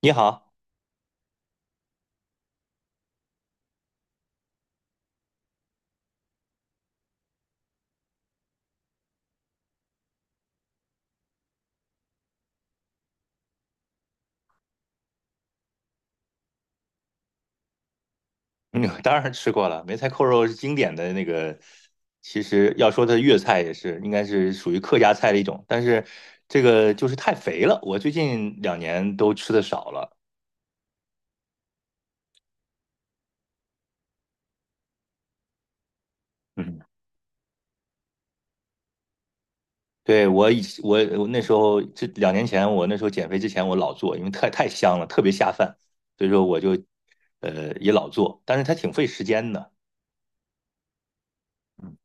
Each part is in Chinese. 你好，嗯，当然吃过了，梅菜扣肉是经典的那个。其实要说它粤菜也是，应该是属于客家菜的一种，但是这个就是太肥了，我最近两年都吃的少了。嗯，对，我以我我那时候这两年前，我那时候减肥之前我老做，因为太香了，特别下饭，所以说我就也老做，但是它挺费时间的。嗯。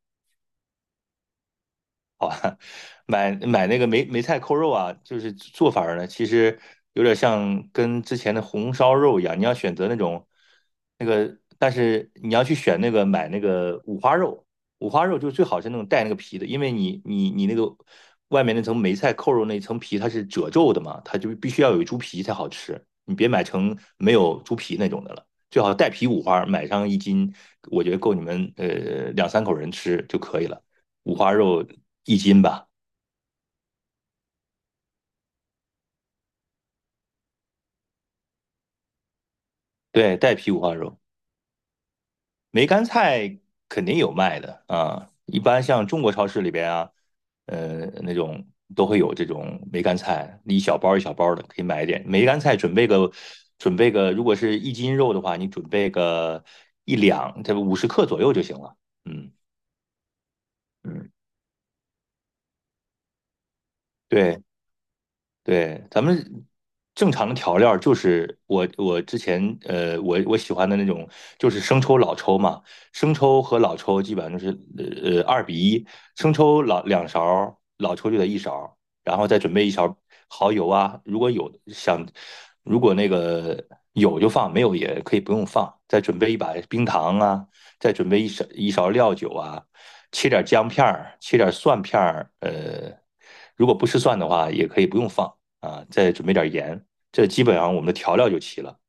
买那个梅菜扣肉啊，就是做法儿呢，其实有点像跟之前的红烧肉一样，你要选择那种那个，但是你要去选那个买那个五花肉，五花肉就最好是那种带那个皮的，因为你那个外面那层梅菜扣肉那层皮它是褶皱的嘛，它就必须要有猪皮才好吃，你别买成没有猪皮那种的了。最好带皮五花，买上一斤，我觉得够你们两三口人吃就可以了。五花肉一斤吧，对，带皮五花肉，梅干菜肯定有卖的啊。一般像中国超市里边啊，那种都会有这种梅干菜，一小包一小包的，可以买一点。梅干菜准备个，准备个，如果是一斤肉的话，你准备个1两，这50克左右就行了。嗯嗯，对，对，咱们正常的调料儿就是我之前我喜欢的那种就是生抽老抽嘛，生抽和老抽基本上就是2比1，生抽老2勺儿，老抽就得1勺儿，然后再准备一勺蚝油啊，如果那个有就放，没有也可以不用放，再准备一把冰糖啊，再准备一勺料酒啊，切点姜片儿，切点蒜片儿，如果不吃蒜的话也可以不用放。啊，再准备点盐，这基本上我们的调料就齐了。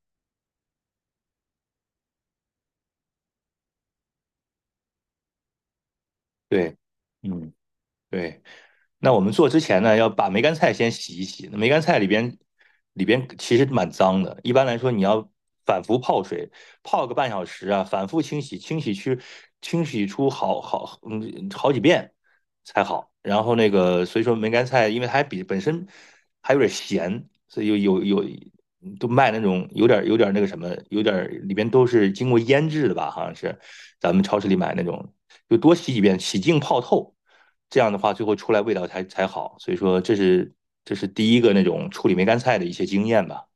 对，嗯，对。那我们做之前呢，要把梅干菜先洗一洗。那梅干菜里边其实蛮脏的，一般来说你要反复泡水，泡个0.5小时啊，反复清洗，清洗去清洗出好几遍才好。然后那个所以说梅干菜，因为它比本身还有点咸，所以有有有都卖那种有点那个什么，有点里边都是经过腌制的吧，好像是咱们超市里买那种，就多洗几遍，洗净泡透。这样的话，最后出来味道才好。所以说，这是第一个那种处理梅干菜的一些经验吧。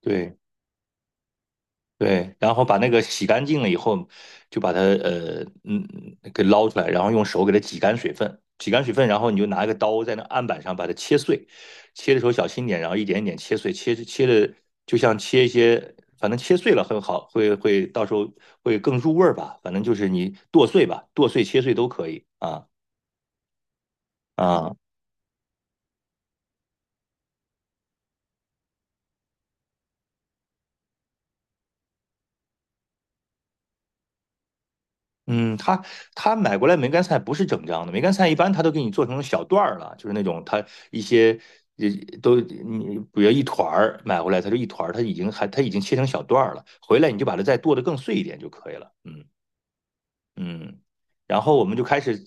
对对，然后把那个洗干净了以后，就把它给捞出来，然后用手给它挤干水分，挤干水分，然后你就拿一个刀在那案板上把它切碎，切的时候小心点，然后一点一点切碎，切的就像切一些。反正切碎了很好，到时候会更入味儿吧。反正就是你剁碎吧，剁碎切碎都可以啊。嗯，他买过来梅干菜不是整张的，梅干菜一般他都给你做成小段儿了，就是那种他一些呃都你比如一团儿买回来，他就一团儿，他已经切成小段儿了，回来你就把它再剁得更碎一点就可以了。嗯。嗯，然后我们就开始，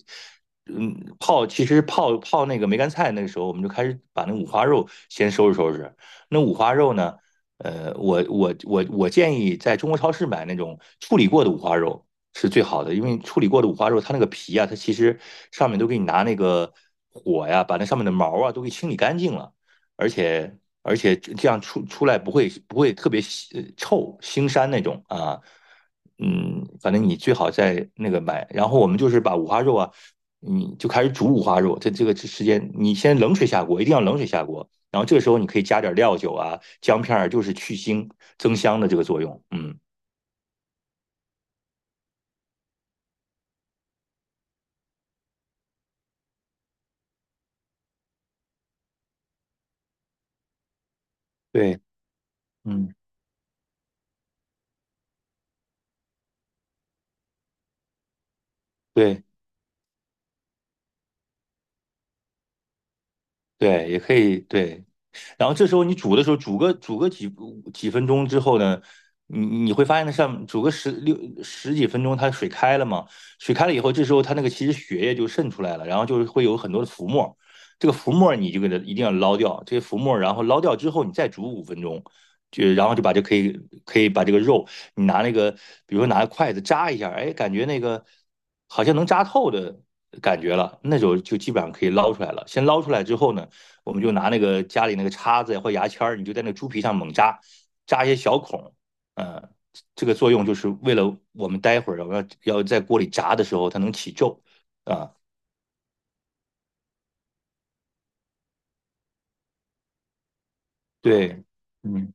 其实泡那个梅干菜，那个时候我们就开始把那五花肉先收拾收拾。那五花肉呢，我建议在中国超市买那种处理过的五花肉是最好的，因为处理过的五花肉它那个皮啊，它其实上面都给你拿那个火呀，把那上面的毛啊都给清理干净了，而且这样出来不会特别腥臭腥膻那种啊。嗯，反正你最好在那个买。然后我们就是把五花肉啊，你就开始煮五花肉。这个时间，你先冷水下锅，一定要冷水下锅。然后这个时候你可以加点料酒啊、姜片儿，就是去腥增香的这个作用。嗯，对，嗯，对对，也可以对。然后这时候你煮的时候，煮个几分钟之后呢，你会发现它上煮个十几分钟，它水开了嘛，水开了以后，这时候它那个其实血液就渗出来了，然后就是会有很多的浮沫，这个浮沫你就给它一定要捞掉，这些浮沫，然后捞掉之后，你再煮5分钟。然后就把这可以可以把这个肉，你拿那个，比如说拿筷子扎一下，哎，感觉那个好像能扎透的感觉了，那时候就基本上可以捞出来了。先捞出来之后呢，我们就拿那个家里那个叉子呀或牙签儿，你就在那个猪皮上猛扎，扎一些小孔，呃，这个作用就是为了我们待会儿要在锅里炸的时候它能起皱啊。对，嗯，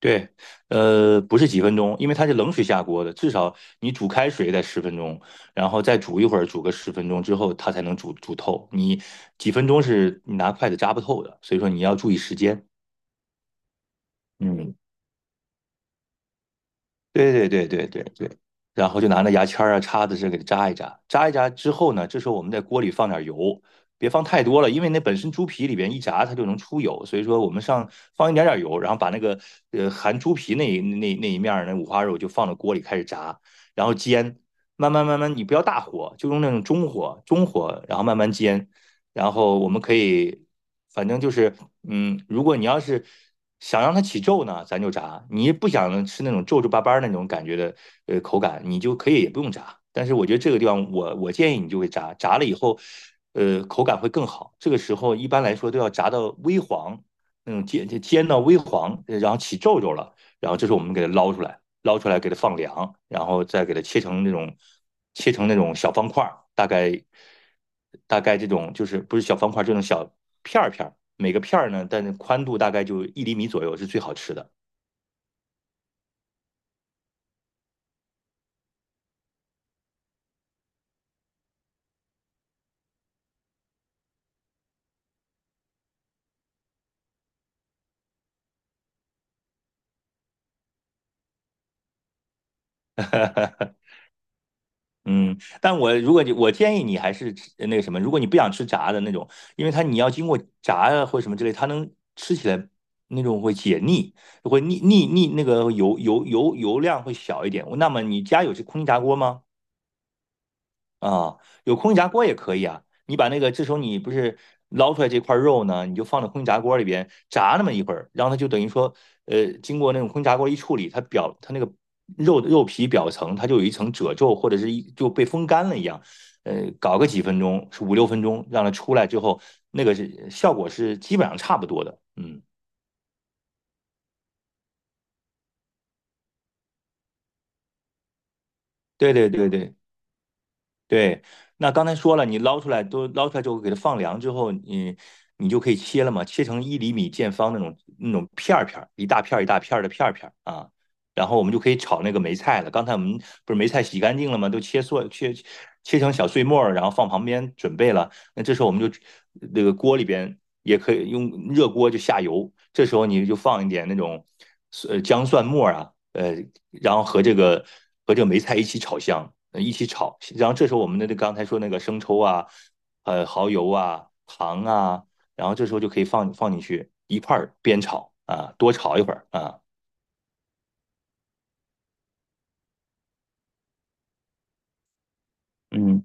对，不是几分钟，因为它是冷水下锅的，至少你煮开水得十分钟，然后再煮一会儿，煮个十分钟之后它才能煮透。你几分钟是你拿筷子扎不透的，所以说你要注意时间。嗯。对对对对对对，然后就拿那牙签儿啊、叉子这给它扎一扎，扎一扎之后呢，这时候我们在锅里放点油，别放太多了，因为那本身猪皮里边一炸它就能出油，所以说我们放一点点油，然后把那个含猪皮那一面儿那五花肉就放到锅里开始炸，然后煎，慢慢慢慢，你不要大火，就用那种中火，中火，然后慢慢煎，然后我们可以，反正就是，如果你要是想让它起皱呢，咱就炸；你不想吃那种皱皱巴巴那种感觉的，口感，你就可以也不用炸。但是我觉得这个地方我建议你就会炸，炸了以后，口感会更好。这个时候一般来说都要炸到微黄，那种煎到微黄，然后起皱了，然后这时候我们给它捞出来。捞出来给它放凉，然后再给它切成那种小方块儿，大概这种就是不是小方块儿，这种小片儿片儿，每个片儿呢，但是宽度大概就1厘米左右是最好吃的。嗯，但我如果你我建议你还是吃那个什么，如果你不想吃炸的那种，因为它你要经过炸呀或者什么之类，它能吃起来那种会解腻，会腻腻腻那个油量会小一点。那么你家有这空气炸锅吗？啊，有空气炸锅也可以啊。你把那个，这时候你不是捞出来这块肉呢，你就放到空气炸锅里边炸那么一会儿，然后它就等于说，经过那种空气炸锅一处理，它那个肉皮表层它就有一层褶皱，或者是就被风干了一样。搞个几分钟，是5、6分钟，让它出来之后，效果是基本上差不多的。嗯，对对对对。对，那刚才说了，你捞出来都捞出来之后，给它放凉之后，你就可以切了嘛，切成1厘米见方那种片儿片儿，一大片儿一大片儿的片儿片儿啊。然后我们就可以炒那个梅菜了。刚才我们不是梅菜洗干净了吗？都切碎，切成小碎末儿，然后放旁边准备了。那这时候我们就那个锅里边也可以用热锅就下油，这时候你就放一点那种姜蒜末啊，然后和这个梅菜一起炒香，一起炒。然后这时候我们的刚才说那个生抽啊，蚝油啊，糖啊，然后这时候就可以放进去一块儿煸炒啊，多炒一会儿啊。嗯，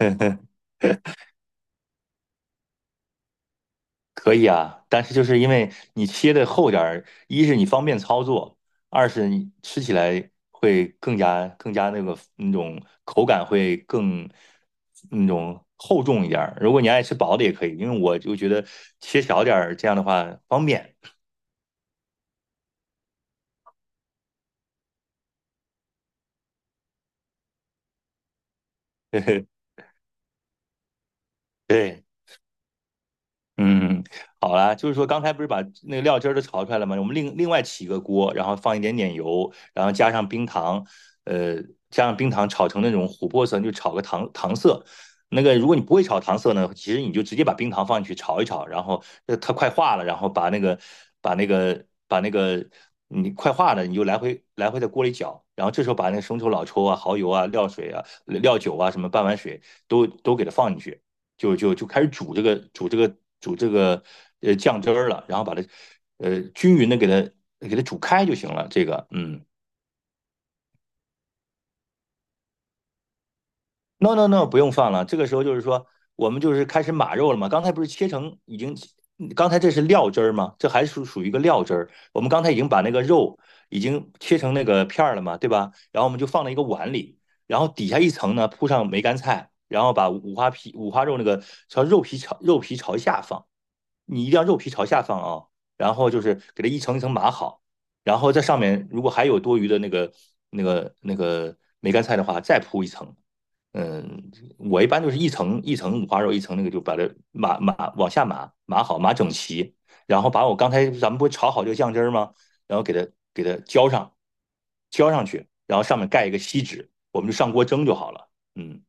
可以啊，但是就是因为你切的厚点儿，一是你方便操作，二是你吃起来会更加那个那种口感会更那种厚重一点儿。如果你爱吃薄的也可以，因为我就觉得切小点儿这样的话方便。对，嗯，好啦，就是说刚才不是把那个料汁儿都炒出来了吗？我们另外起一个锅，然后放一点点油，然后加上冰糖，呃，炒成那种琥珀色，就炒个糖色。那个如果你不会炒糖色呢，其实你就直接把冰糖放进去炒一炒，然后它快化了，然后把那个把那个把那个你快化了，你就来回来回在锅里搅，然后这时候把那个生抽、老抽啊、蚝油啊、料水啊、料酒啊什么半碗水都给它放进去。就开始煮这个酱汁儿了，然后把它均匀的给它煮开就行了。这个嗯，no no no，不用放了。这个时候就是说我们就是开始码肉了嘛。刚才不是切成已经，刚才这是料汁儿吗？这还属于一个料汁儿。我们刚才已经把那个肉已经切成那个片儿了嘛，对吧？然后我们就放到一个碗里，然后底下一层呢铺上梅干菜。然后把五花皮、五花肉那个朝肉皮朝下放，你一定要肉皮朝下放啊，然后就是给它一层一层码好，然后在上面如果还有多余的那个梅干菜的话，再铺一层。嗯，我一般就是一层一层五花肉，一层那个就把它码往下码好，码整齐，然后把我刚才咱们不是炒好这个酱汁吗？然后给它浇上去，然后上面盖一个锡纸，我们就上锅蒸就好了。嗯，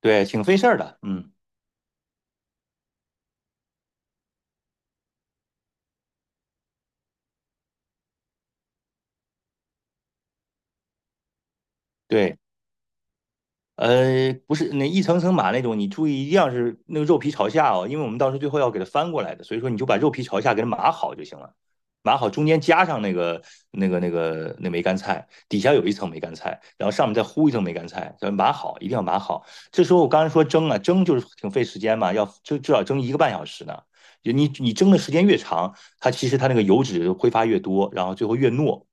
对，挺费事儿的。嗯，对。不是那一层层码那种，你注意一定要是那个肉皮朝下哦，因为我们到时候最后要给它翻过来的，所以说你就把肉皮朝下给它码好就行了，码好中间加上那梅干菜，底下有一层梅干菜，然后上面再糊一层梅干菜，叫码好，一定要码好。这时候我刚才说蒸啊，蒸就是挺费时间嘛，要至少蒸一个半小时呢。就你蒸的时间越长，它其实它那个油脂挥发越多，然后最后越糯，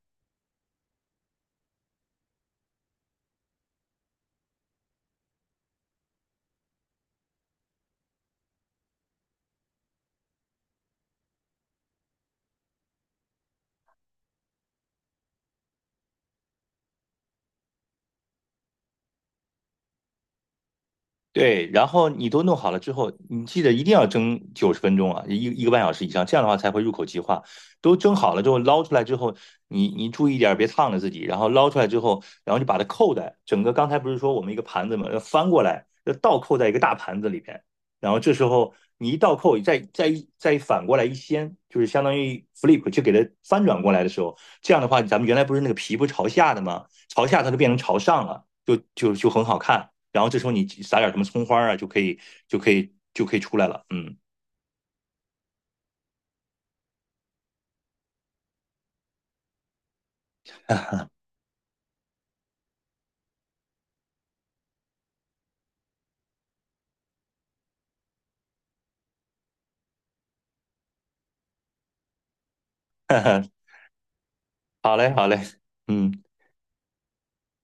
对，然后你都弄好了之后，你记得一定要蒸90分钟啊，一个半小时以上，这样的话才会入口即化。都蒸好了之后，捞出来之后，你注意一点别烫着自己。然后捞出来之后，然后就把它扣在整个刚才不是说我们一个盘子嘛，要翻过来，要倒扣在一个大盘子里边。然后这时候你一倒扣，再一反过来一掀，就是相当于 flip，就给它翻转过来的时候，这样的话，咱们原来不是那个皮不是朝下的吗？朝下它就变成朝上了。就很好看。然后这时候你撒点什么葱花啊，就可以出来了。嗯，好嘞，好嘞，嗯。